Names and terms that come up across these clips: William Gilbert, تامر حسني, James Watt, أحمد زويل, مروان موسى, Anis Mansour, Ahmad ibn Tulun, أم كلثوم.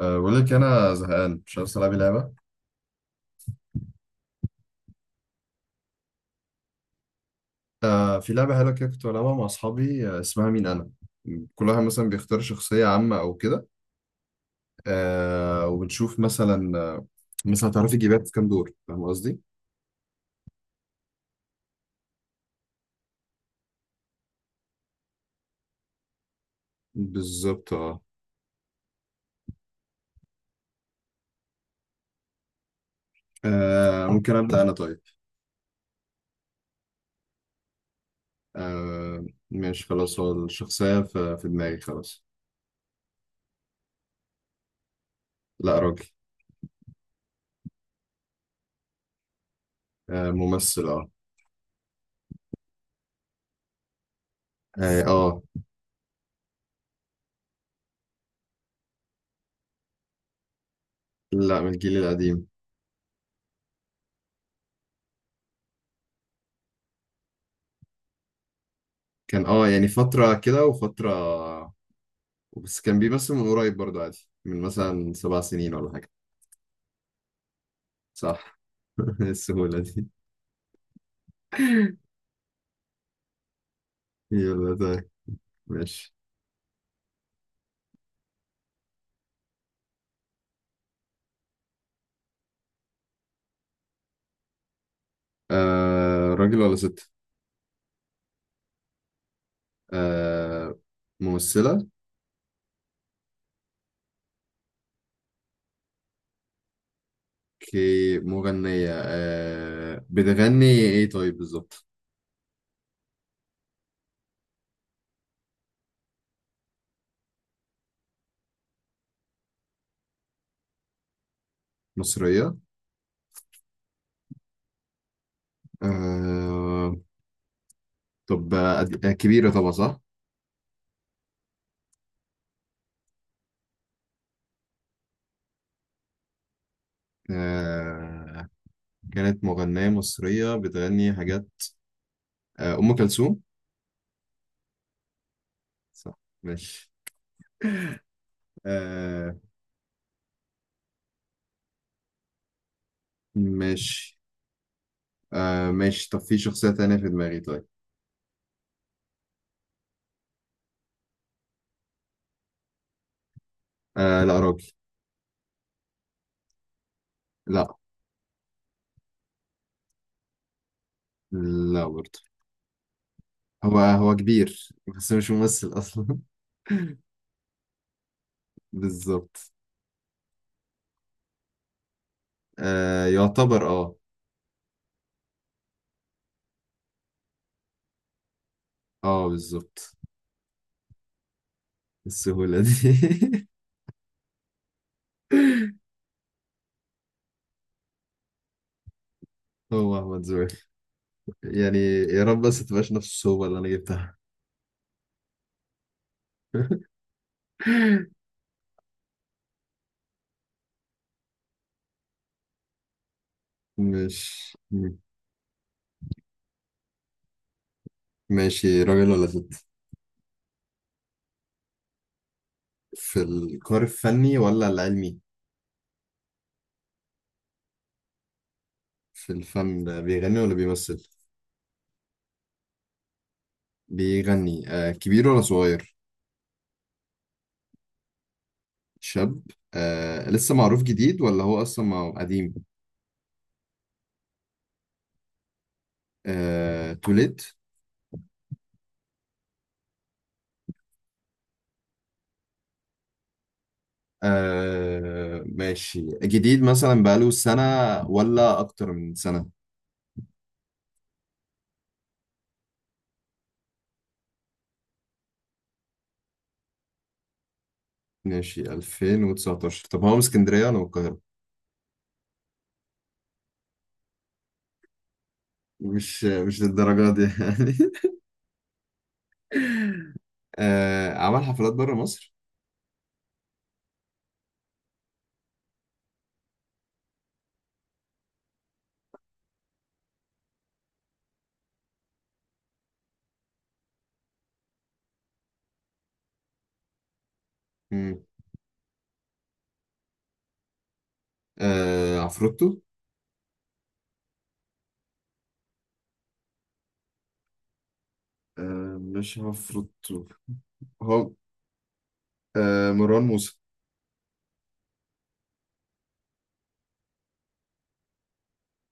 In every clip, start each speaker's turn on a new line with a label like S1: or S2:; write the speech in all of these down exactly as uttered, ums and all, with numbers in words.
S1: أه بقول لك انا زهقان مش عارف العب لعبه. أه في لعبه حلوه كده كنت بلعبها مع اصحابي. أه اسمها مين انا. كل واحد مثلا بيختار شخصيه عامه او كده. أه وبنشوف مثلا آه، مثلا تعرفي تجيبيها في كام دور، فاهم قصدي؟ بالظبط اه. آه، ممكن ابدا انا طيب. أه ماشي خلاص، هو الشخصيه في, في دماغي خلاص. لا راجل. أه ممثل اه. اه آه، لا من الجيل القديم. كان اه يعني فتره كده وفتره، بس كان بيمثل من قريب برضو عادي، من مثلا سبع سنين ولا حاجة. صح. إيه السهولة دي! يلا طيب. ماشي. آه راجل ولا ست. آه ممثلة. كي مغنية. آه بتغني ايه طيب بالظبط؟ مصرية. آه. طب آه أد- آه، كبيرة طبعا صح. آه. كانت مغنية مصرية بتغني حاجات. آه أم كلثوم. صح. ماشي. آه ماشي. آه ماشي، طب في شخصية تانية في دماغي طيب. آه لا راجل. لا. لا برضه، هو هو كبير. بس مش ممثل أصلا. بالظبط. آه يعتبر اه. اه بالظبط. السهولة دي. هو أحمد زويل. يعني يا رب بس تبقاش نفس الصعوبة اللي أنا جبتها. مش. ماشي، راجل ولا ست؟ في الكار الفني ولا العلمي؟ في الفن بيغني ولا بيمثل؟ بيغني. آه كبير ولا صغير؟ شاب. آه، لسه معروف جديد ولا هو أصلا مع- قديم؟ آه توليت. آه ماشي، جديد مثلا بقاله سنة ولا أكتر من سنة؟ ماشي ألفين وتسعتاشر. طب هو من اسكندرية ولا من القاهرة؟ مش مش للدرجة دي يعني. آه عمل حفلات بره مصر؟ مم. آه عفروتو؟ آه مش عفروتو. هو آه مروان موسى.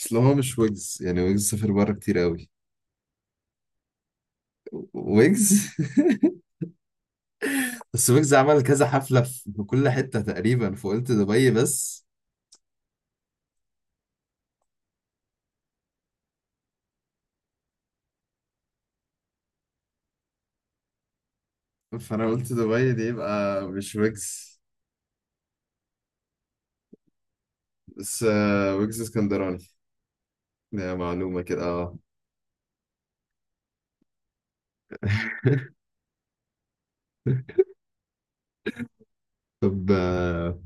S1: اصل هو مش ويجز، يعني ويجز سافر بره كتير قوي. ويجز. بس ويجز عمل كذا حفلة في في كل حتة تقريبا، فقلت دبي بس. فأنا قلت دبي دي يبقى مش ويجز. بس آه، ويجز اسكندراني. ده معلومة كده اه. طب آه،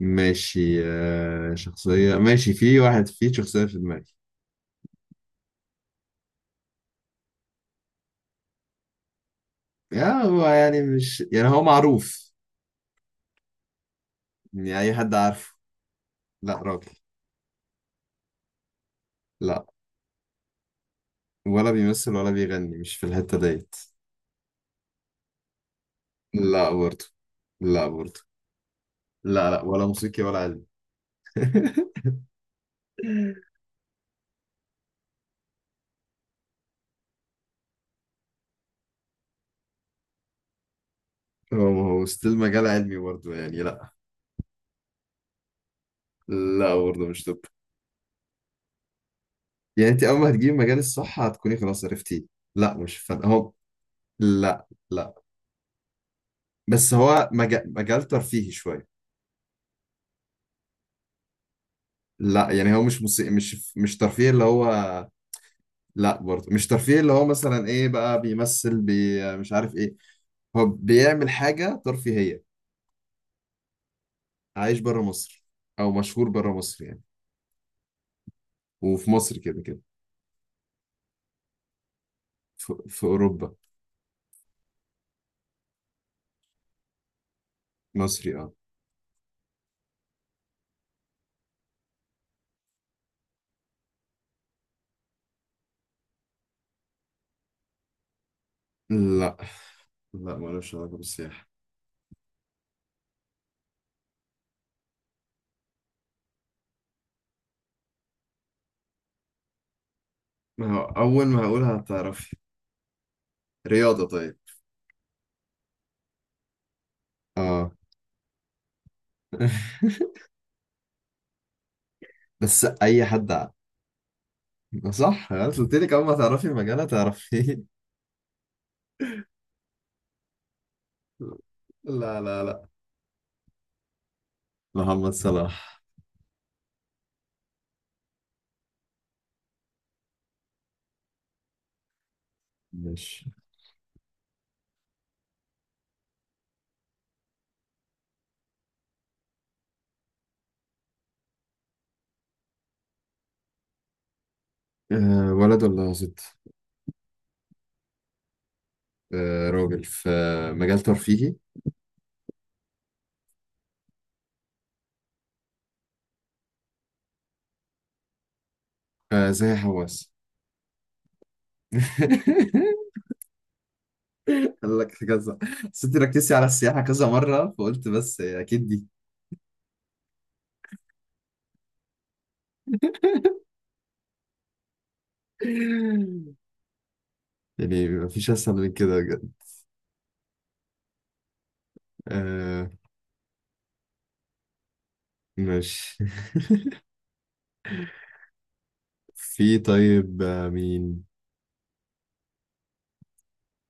S1: ماشي. آه، شخصية، ماشي في واحد، في شخصية في دماغي. يا هو يعني، مش يعني هو معروف، يعني أي حد عارفه. لا راجل. لا، ولا بيمثل ولا بيغني، مش في الحتة ديت. لا برضه. لا برضه. لا لا، ولا موسيقي ولا علم. هو ما هو ستيل مجال علمي برضه يعني، لا. لا برضه مش طب. يعني انت اول ما هتجيبي مجال الصح هتكوني خلاص عرفتيه. لا مش فن هو. لا لا. بس هو مجال, مجال ترفيهي شويه. لا يعني هو مش مسي... مش مش ترفيه اللي هو. لا برضه مش ترفيه اللي هو، مثلا ايه بقى بيمثل بي... مش عارف ايه. هو بيعمل حاجه ترفيهيه، عايش بره مصر، او مشهور بره مصر يعني، وفي مصر كده كده. في... في اوروبا. مصري اه. لا، لا مالوش علاقه بالسياحه. ما هو أول ما أقولها هتعرفي. رياضة طيب. اه. بس أي حد عارف. صح، أنا قلت لك أول ما تعرفي المجال هتعرفيه. لا لا لا. محمد صلاح. ماشي. أه ولد ولا ست؟ أه راجل في مجال ترفيهي. أه زي حواس. قال لك كذا، بس انت ركزتي على السياحة كذا مرة فقلت بس أكيد دي. يعني مفيش أسهل من كده بجد. أه ماشي. في طيب آه، مين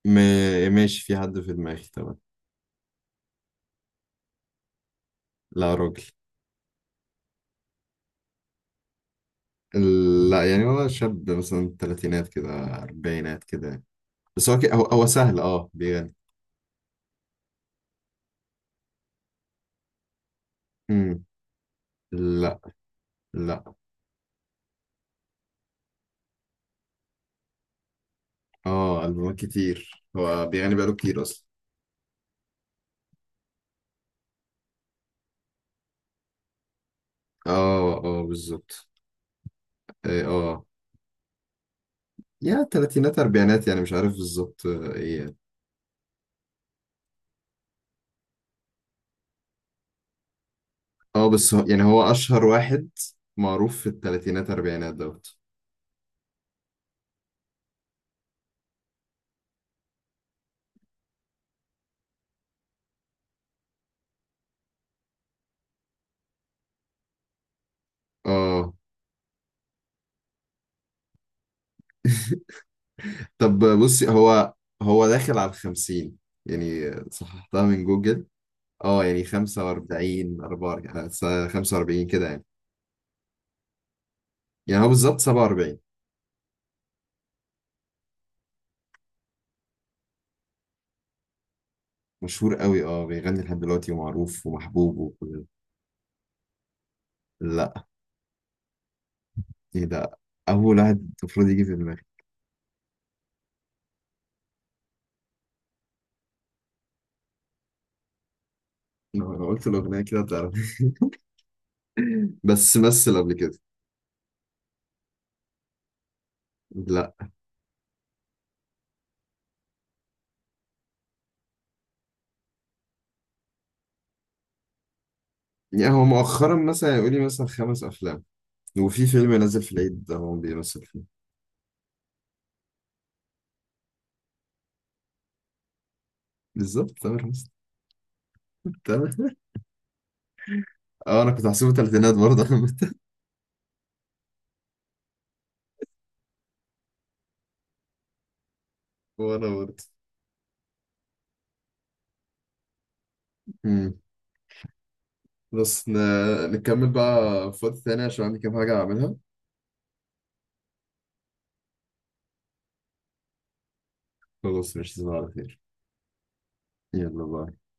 S1: م... ماشي في حد في دماغي طبعا. لا راجل. ال- لا يعني هو شاب مثلا تلاتينات كده، أربعينات كده يعني. بس هو ك... هو هو سهل، اه بيغني. مم. لا. لا. اه ألبومات كتير، هو بيغني بقاله كتير أصلا. اه اه بالظبط. ايه اه. يا تلاتينات أربعينات، يعني مش عارف بالظبط آه، ايه يعني. اه بس هو يعني، هو أشهر واحد معروف في التلاتينات أربعينات دوت. اه. طب بصي، هو هو داخل على الخمسين، يعني صححتها من جوجل. اه يعني خمسة وأربعين، أربعة وأربعين، خمسة وأربعين كده يعني. يعني هو بالظبط سبعة وأربعين. مشهور قوي اه، بيغني لحد دلوقتي ومعروف ومحبوب وكل. لا. ايه ده، أول واحد المفروض يجي في دماغي. لو أنا قلت الأغنية كده هتعرف. بس مثل قبل كده. لا يعني هو مؤخرا مثلا يقول لي مثلا خمس أفلام، وفي فيلم نازل في العيد ده هو بيمثل فيه. بالظبط تامر حسني. تمام. اه انا كنت هحسبه تلاتينات برضه. وانا برضه. مم. بس ن- نكمل بقى في وقت تاني عشان عندي كام حاجة أعملها. خلاص، مش على خير. يلا بقى.